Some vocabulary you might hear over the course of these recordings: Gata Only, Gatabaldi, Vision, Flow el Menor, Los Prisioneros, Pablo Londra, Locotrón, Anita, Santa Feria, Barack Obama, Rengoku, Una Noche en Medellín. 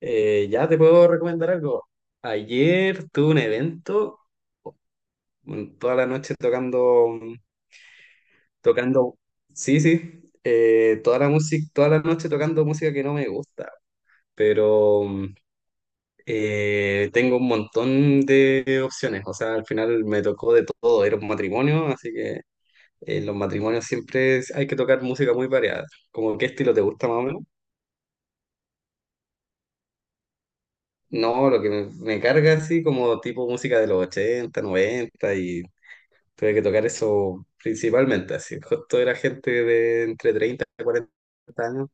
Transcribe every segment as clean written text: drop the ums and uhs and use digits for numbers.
Ya te puedo recomendar algo. Ayer tuve un evento, toda la noche tocando, tocando, sí, sí, toda la música, toda la noche tocando música que no me gusta, pero tengo un montón de opciones. O sea, al final me tocó de todo. Era un matrimonio, así que en los matrimonios siempre hay que tocar música muy variada. ¿Como qué estilo te gusta más o menos? No, lo que me carga así como tipo música de los 80, 90. Y tuve que tocar eso principalmente, así. Justo era gente de entre 30 y 40 años.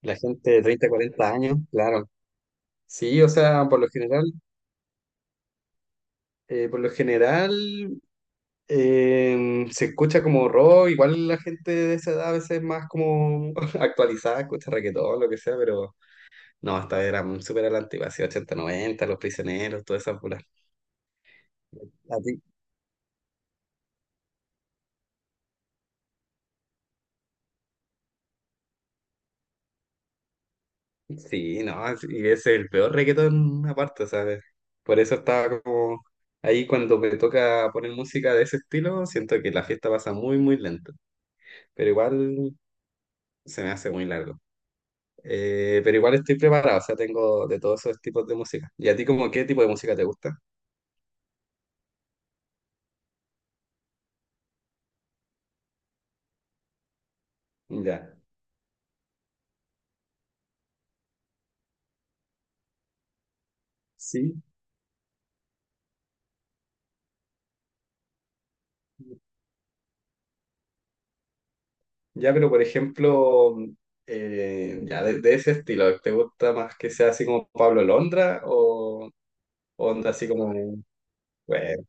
La gente de 30 a 40 años, claro. Sí, o sea, por lo general, se escucha como rock. Igual la gente de esa edad a veces es más como actualizada, escucha reggaetón, lo que sea, pero no, hasta eran súper a la antigua, así 80, 90, Los Prisioneros, todas esas puras. ¿A ti Sí, no, sí, y es el peor reggaetón aparte, ¿sabes? Por eso estaba como ahí cuando me toca poner música de ese estilo, siento que la fiesta pasa muy, muy lento, pero igual se me hace muy largo. Pero igual estoy preparado, o sea, tengo de todos esos tipos de música. ¿Y a ti como qué tipo de música te gusta? Ya, sí. Ya, pero por ejemplo, ya de ese estilo, ¿te gusta más que sea así como Pablo Londra o onda así como, bueno.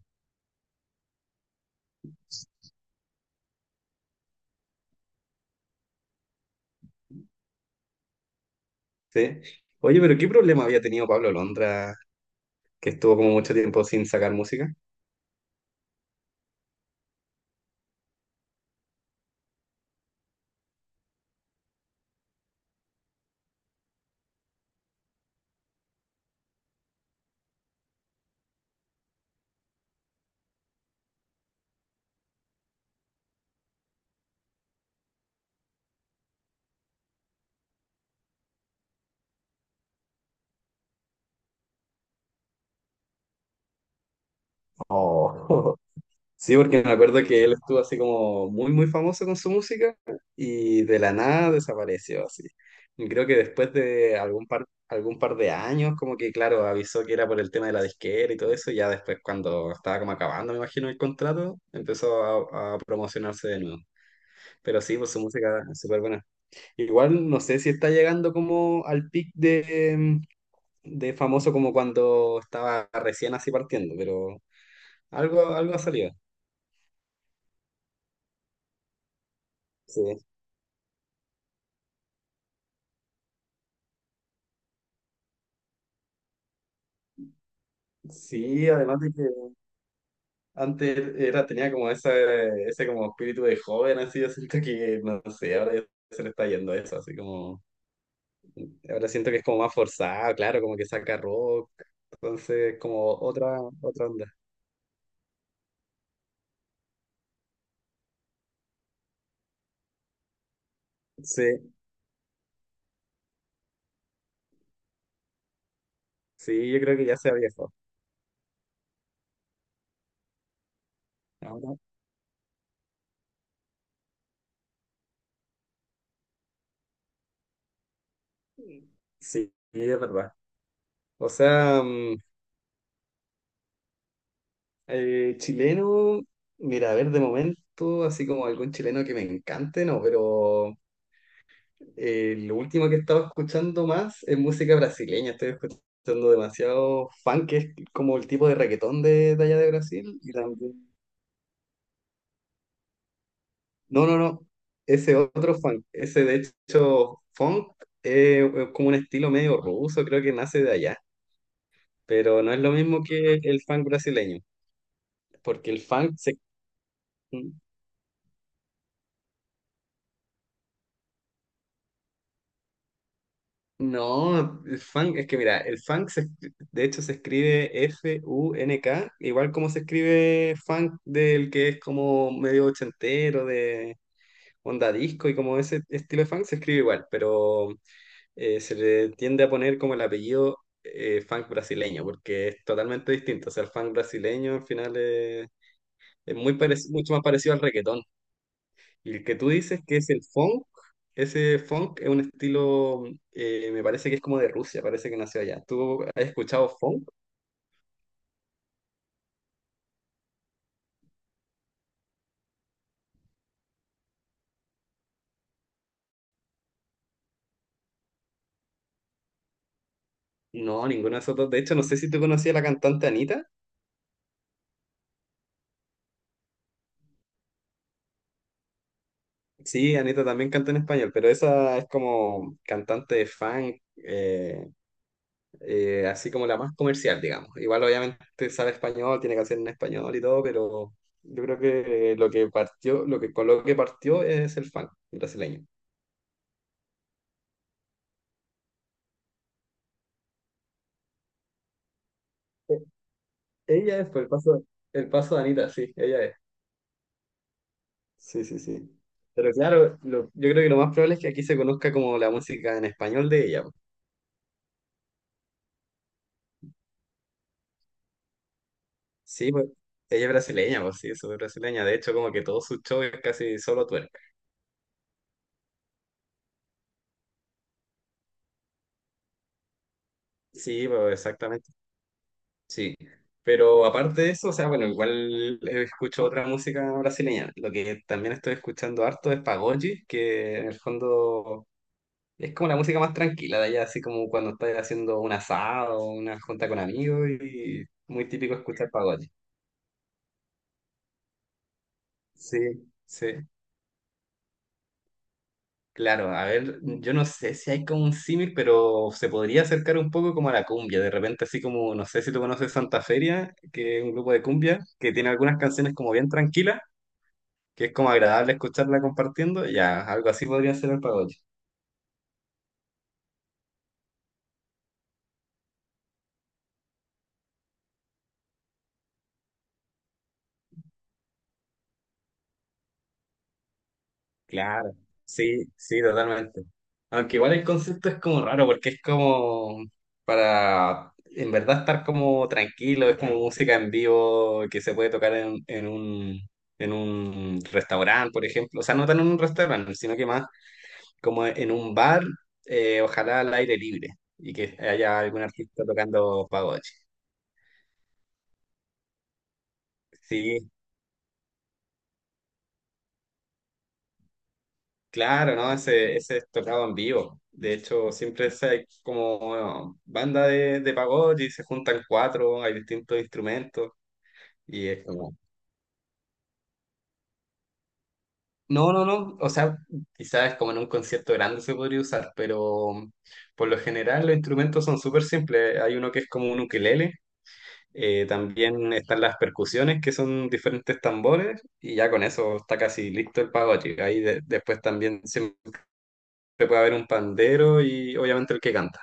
Sí. Oye, pero ¿qué problema había tenido Pablo Londra que estuvo como mucho tiempo sin sacar música? Oh. Sí, porque me acuerdo que él estuvo así como muy, muy famoso con su música y de la nada desapareció así. Y creo que después de algún par de años, como que claro, avisó que era por el tema de la disquera y todo eso, y ya después cuando estaba como acabando, me imagino, el contrato, empezó a promocionarse de nuevo. Pero sí, pues su música es súper buena. Igual no sé si está llegando como al pic de famoso como cuando estaba recién así partiendo, pero algo ha salido. Sí, sí, además de que antes tenía como ese como espíritu de joven. Así yo siento que, no sé, ahora ya se le está yendo eso, así como, ahora siento que es como más forzado, claro, como que saca rock, entonces como otra onda. Sí, sí, yo creo que ya se ha viejo. Ahora, sí, es verdad. O sea, chileno, mira, a ver, de momento, así como algún chileno que me encante, no, pero lo último que he estado escuchando más es música brasileña. Estoy escuchando demasiado funk, que es como el tipo de reggaetón de allá de Brasil. Y también. No, no, no, ese otro funk, ese de hecho funk es como un estilo medio ruso, creo que nace de allá, pero no es lo mismo que el funk brasileño, porque el funk se. No, el funk, es que mira, el funk de hecho se escribe funk, igual como se escribe funk del que es como medio ochentero, de onda disco, y como ese estilo de funk se escribe igual, pero se le tiende a poner como el apellido funk brasileño, porque es totalmente distinto. O sea, el funk brasileño al final es, es mucho más parecido al reggaetón. Y el que tú dices que es el funk, ese funk es un estilo. Me parece que es como de Rusia, parece que nació allá. ¿Tú has escuchado funk? No, ninguno de esos dos. De hecho, no sé si tú conocías a la cantante Anita. Sí, Anita también canta en español, pero esa es como cantante de funk, así como la más comercial, digamos. Igual obviamente sabe español, tiene que hacer en español y todo, pero yo creo que lo que partió, lo que con lo que partió es el funk brasileño. Ella es, por el paso de Anita, sí, ella es. Sí, sí, sí. Pero claro, yo creo que lo más probable es que aquí se conozca como la música en español de ella, po. Sí, pues ella es brasileña, pues sí, es súper brasileña. De hecho, como que todo su show es casi solo twerk. Sí, pues exactamente, sí. Pero aparte de eso, o sea, bueno, igual escucho otra música brasileña. Lo que también estoy escuchando harto es pagode, que en el fondo es como la música más tranquila de allá, así como cuando estás haciendo un asado, o una junta con amigos y muy típico escuchar pagode. Sí, sí. Claro, a ver, yo no sé si hay como un símil, pero se podría acercar un poco como a la cumbia. De repente, así como, no sé si tú conoces Santa Feria, que es un grupo de cumbia, que tiene algunas canciones como bien tranquilas, que es como agradable escucharla compartiendo. Ya, algo así podría ser el pagode. Claro, sí, sí, totalmente. Aunque igual el concepto es como raro, porque es como para en verdad estar como tranquilo, es como música en vivo que se puede tocar en un restaurante, por ejemplo. O sea, no tan en un restaurante, sino que más como en un bar, ojalá al aire libre, y que haya algún artista tocando pagode. Sí, claro, ¿no? Ese es tocado en vivo. De hecho, siempre es como bueno, banda de pagode, se juntan cuatro, hay distintos instrumentos y es como. No, no, no. O sea, quizás como en un concierto grande se podría usar, pero por lo general los instrumentos son súper simples. Hay uno que es como un ukelele. También están las percusiones que son diferentes tambores y ya con eso está casi listo el pagode. Ahí después también siempre puede haber un pandero y obviamente el que canta.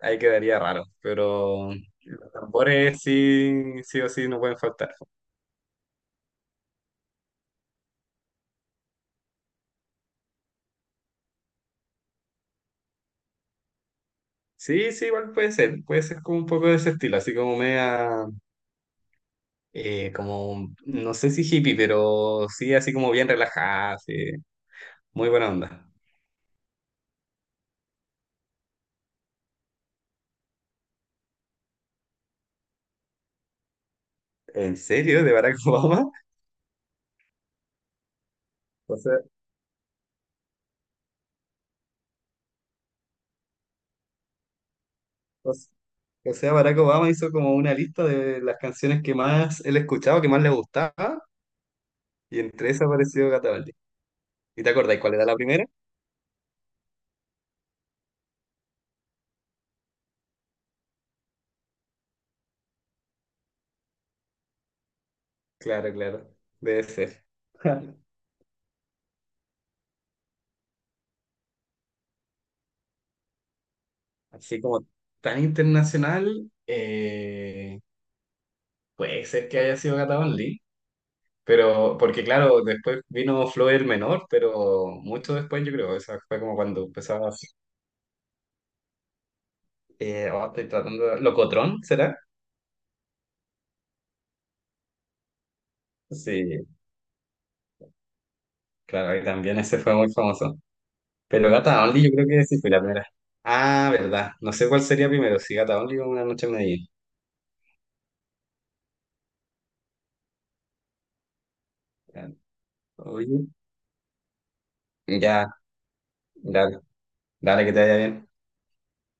Ahí quedaría raro, pero los tambores sí, sí o sí no pueden faltar. Sí, sí, igual puede ser como un poco de ese estilo, así como media, como, no sé si hippie, pero sí, así como bien relajada, sí, muy buena onda. ¿En serio? ¿De Barack Obama? O sea, o s- Barack Obama hizo como una lista de las canciones que más él escuchaba, que más le gustaba, y entre esas apareció Gatabaldi. ¿Y te acordáis cuál era la primera? Claro, claro, debe ser. Así como tan internacional, puede ser que haya sido Gata Only, pero porque claro, después vino Flow el Menor, pero mucho después yo creo, esa fue como cuando empezaba. Oh, ¿Locotrón será? Sí, claro, y también ese fue muy famoso. Pero Gata Only yo creo que sí fue la primera. Ah, verdad, no sé cuál sería primero, si Gata Only o Una Noche en Medellín. Oye, ya, dale, dale que te vaya bien.